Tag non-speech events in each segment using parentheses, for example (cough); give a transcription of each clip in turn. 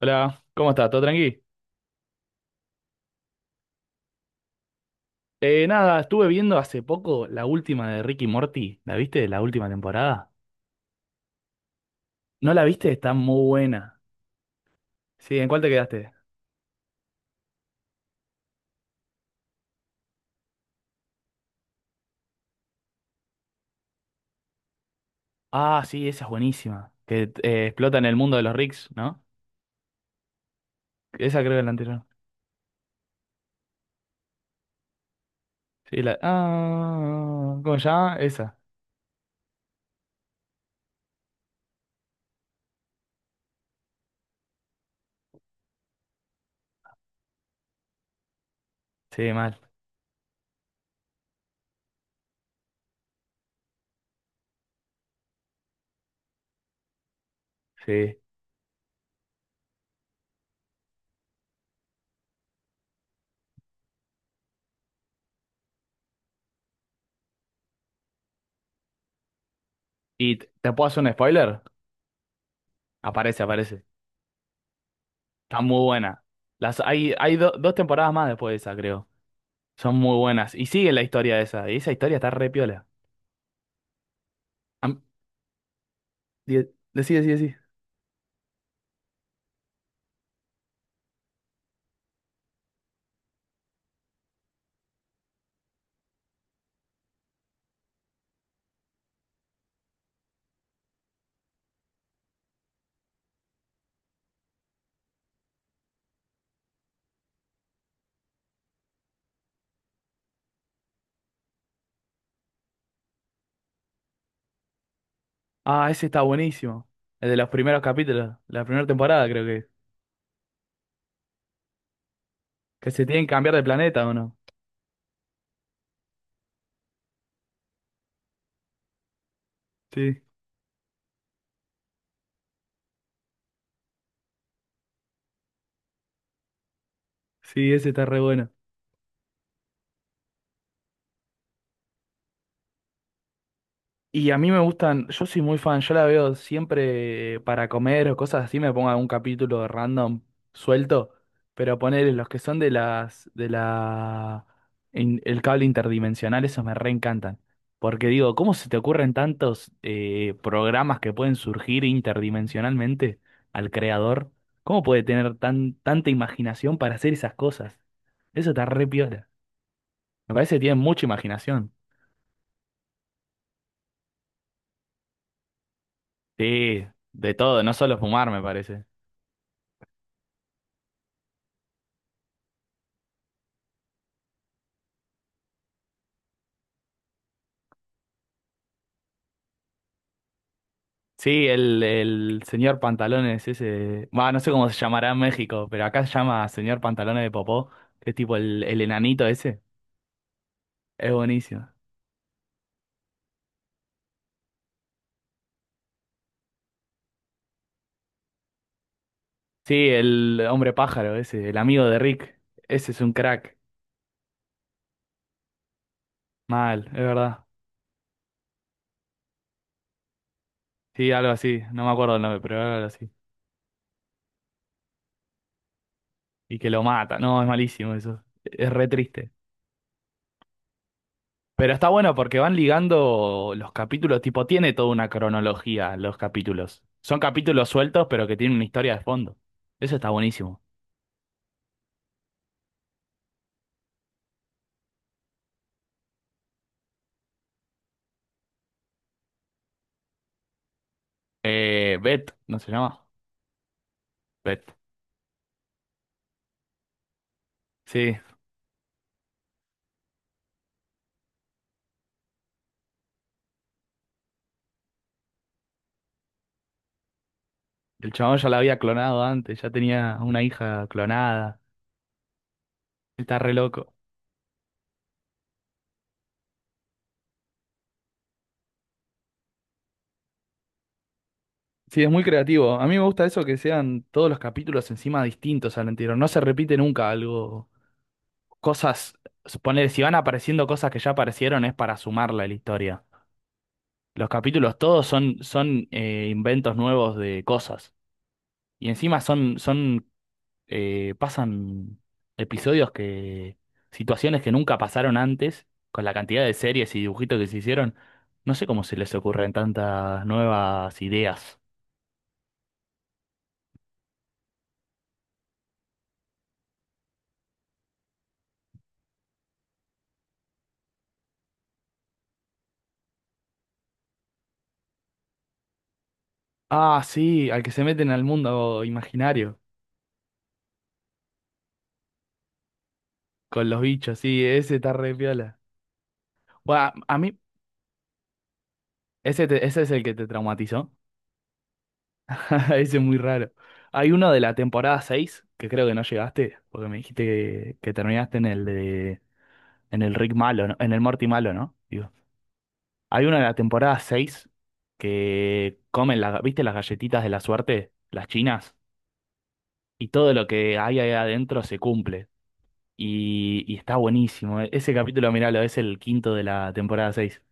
Hola, ¿cómo estás? ¿Todo tranqui? Nada, estuve viendo hace poco la última de Ricky Morty. ¿La viste? La última temporada. ¿No la viste? Está muy buena. Sí, ¿en cuál te quedaste? Ah, sí, esa es buenísima. Que explota en el mundo de los Ricks, ¿no? Esa creo que es la anterior. Sí, la. Ah, ¿cómo se llama? Esa. Sí, mal. Sí. ¿Y te puedo hacer un spoiler? Aparece, aparece. Está muy buena. Las, hay dos temporadas más después de esa, creo. Son muy buenas. Y sigue la historia de esa. Y esa historia está re piola. Decí, decí, decí. Ah, ese está buenísimo. El de los primeros capítulos, la primera temporada creo que. Que se tienen que cambiar de planeta, ¿o no? Sí, sí, ese está re bueno. Y a mí me gustan, yo soy muy fan, yo la veo siempre para comer o cosas así, me pongo algún capítulo random suelto, pero poner los que son de las, de la, el cable interdimensional, esos me reencantan. Porque digo, ¿cómo se te ocurren tantos programas que pueden surgir interdimensionalmente al creador? ¿Cómo puede tener tan, tanta imaginación para hacer esas cosas? Eso está re piola. Me parece que tienen mucha imaginación. Sí, de todo, no solo fumar, me parece. Sí, el señor Pantalones, ese. Va, no sé cómo se llamará en México, pero acá se llama señor Pantalones de Popó, que es tipo el enanito ese. Es buenísimo. Sí, el hombre pájaro ese, el amigo de Rick. Ese es un crack. Mal, es verdad. Sí, algo así. No me acuerdo el nombre, pero era algo así. Y que lo mata. No, es malísimo eso. Es re triste. Pero está bueno porque van ligando los capítulos, tipo, tiene toda una cronología los capítulos. Son capítulos sueltos, pero que tienen una historia de fondo. Eso está buenísimo. Beth, ¿no se llama? Beth. Sí, el chabón ya la había clonado antes, ya tenía una hija clonada. Está re loco. Sí, es muy creativo. A mí me gusta eso que sean todos los capítulos encima distintos al anterior. No se repite nunca algo. Cosas, suponer, si van apareciendo cosas que ya aparecieron es para sumarla a la historia. Los capítulos todos son, son inventos nuevos de cosas. Y encima son, son pasan episodios que, situaciones que nunca pasaron antes, con la cantidad de series y dibujitos que se hicieron. No sé cómo se les ocurren tantas nuevas ideas. Ah, sí, al que se meten al mundo imaginario con los bichos, sí, ese está re piola. Bueno, a mí, ese, ese es el que te traumatizó. (laughs) Ese es muy raro. Hay uno de la temporada 6 que creo que no llegaste, porque me dijiste que terminaste en el de, en el Rick malo, ¿no? En el Morty malo, ¿no? Hay una de la temporada 6 que comen, la, ¿viste las galletitas de la suerte? Las chinas. Y todo lo que hay ahí adentro se cumple. Y está buenísimo. Ese capítulo, miralo, es el quinto de la temporada 6.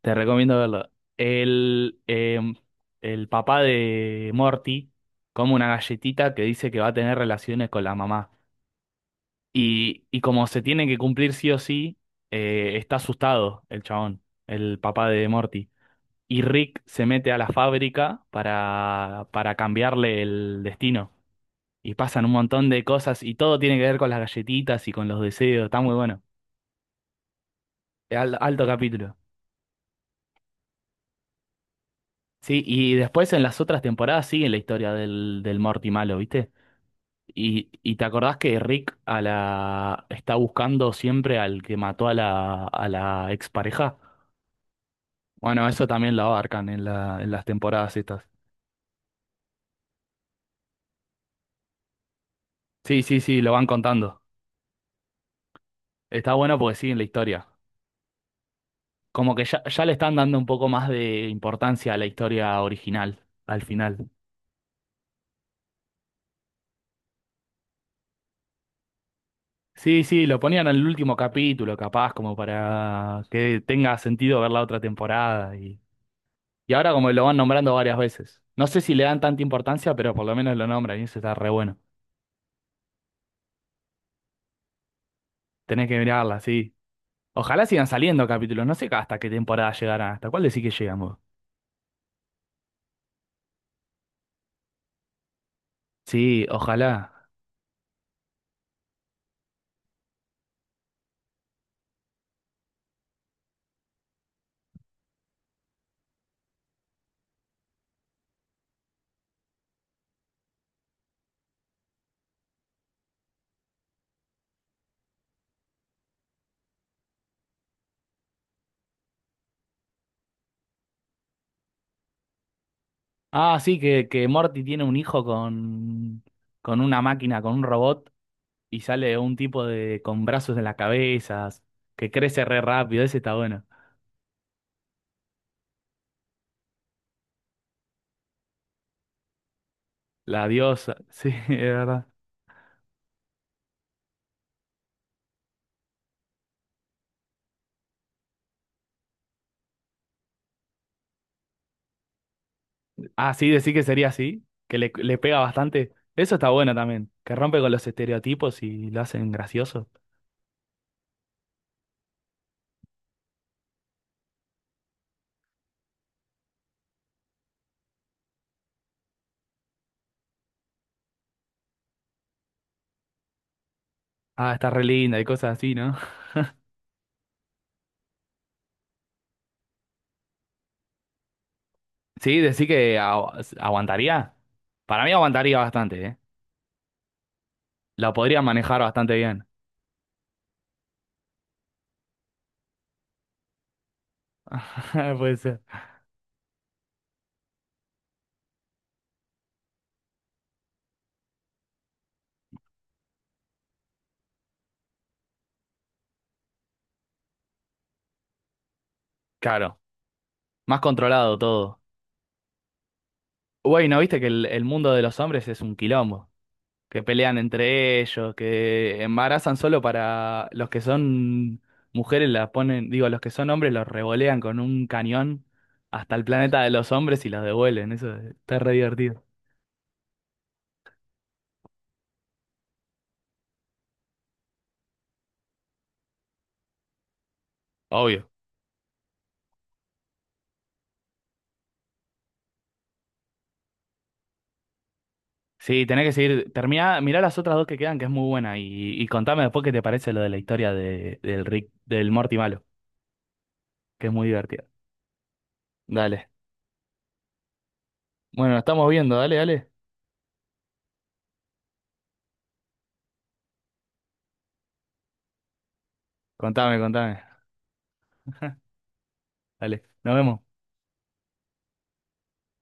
Te recomiendo verlo. El, el papá de Morty come una galletita que dice que va a tener relaciones con la mamá. Y como se tiene que cumplir sí o sí, está asustado el chabón, el papá de Morty. Y Rick se mete a la fábrica para cambiarle el destino. Y pasan un montón de cosas y todo tiene que ver con las galletitas y con los deseos. Está muy bueno. Alto capítulo. Sí, y después en las otras temporadas sigue la historia del, del Morty malo, ¿viste? Y te acordás que Rick a la, está buscando siempre al que mató a la expareja. Bueno, eso también lo abarcan en la, en las temporadas estas. Sí, sí, sí, lo van contando. Está bueno porque siguen la historia. Como que ya, ya le están dando un poco más de importancia a la historia original, al final. Sí, sí, lo ponían en el último capítulo, capaz, como para que tenga sentido ver la otra temporada. Y ahora como lo van nombrando varias veces. No sé si le dan tanta importancia, pero por lo menos lo nombran y eso está re bueno. Tenés que mirarla, sí. Ojalá sigan saliendo capítulos, no sé hasta qué temporada llegarán, hasta cuál decís que llegamos. Sí, ojalá. Ah, sí, que Morty tiene un hijo con una máquina, con un robot y sale un tipo de con brazos en las cabezas, que crece re rápido, ese está bueno. La diosa, sí, (laughs) es verdad. Ah, sí, decir que sería así, que le pega bastante. Eso está bueno también, que rompe con los estereotipos y lo hacen gracioso. Ah, está re linda y cosas así, ¿no? (laughs) Sí, decir que aguantaría. Para mí aguantaría bastante, ¿eh? La podría manejar bastante bien. (laughs) Puede ser. Claro, más controlado todo. Güey, ¿no viste que el mundo de los hombres es un quilombo? Que pelean entre ellos, que embarazan solo para los que son mujeres las ponen, digo, los que son hombres los revolean con un cañón hasta el planeta de los hombres y los devuelven. Eso está re divertido. Obvio. Sí, tenés que seguir. Termina, mirá las otras dos que quedan, que es muy buena. Y contame después qué te parece lo de la historia de, del Rick, del Morty malo, que es muy divertida. Dale. Bueno, estamos viendo, dale, dale. Contame, contame. Dale. Nos vemos.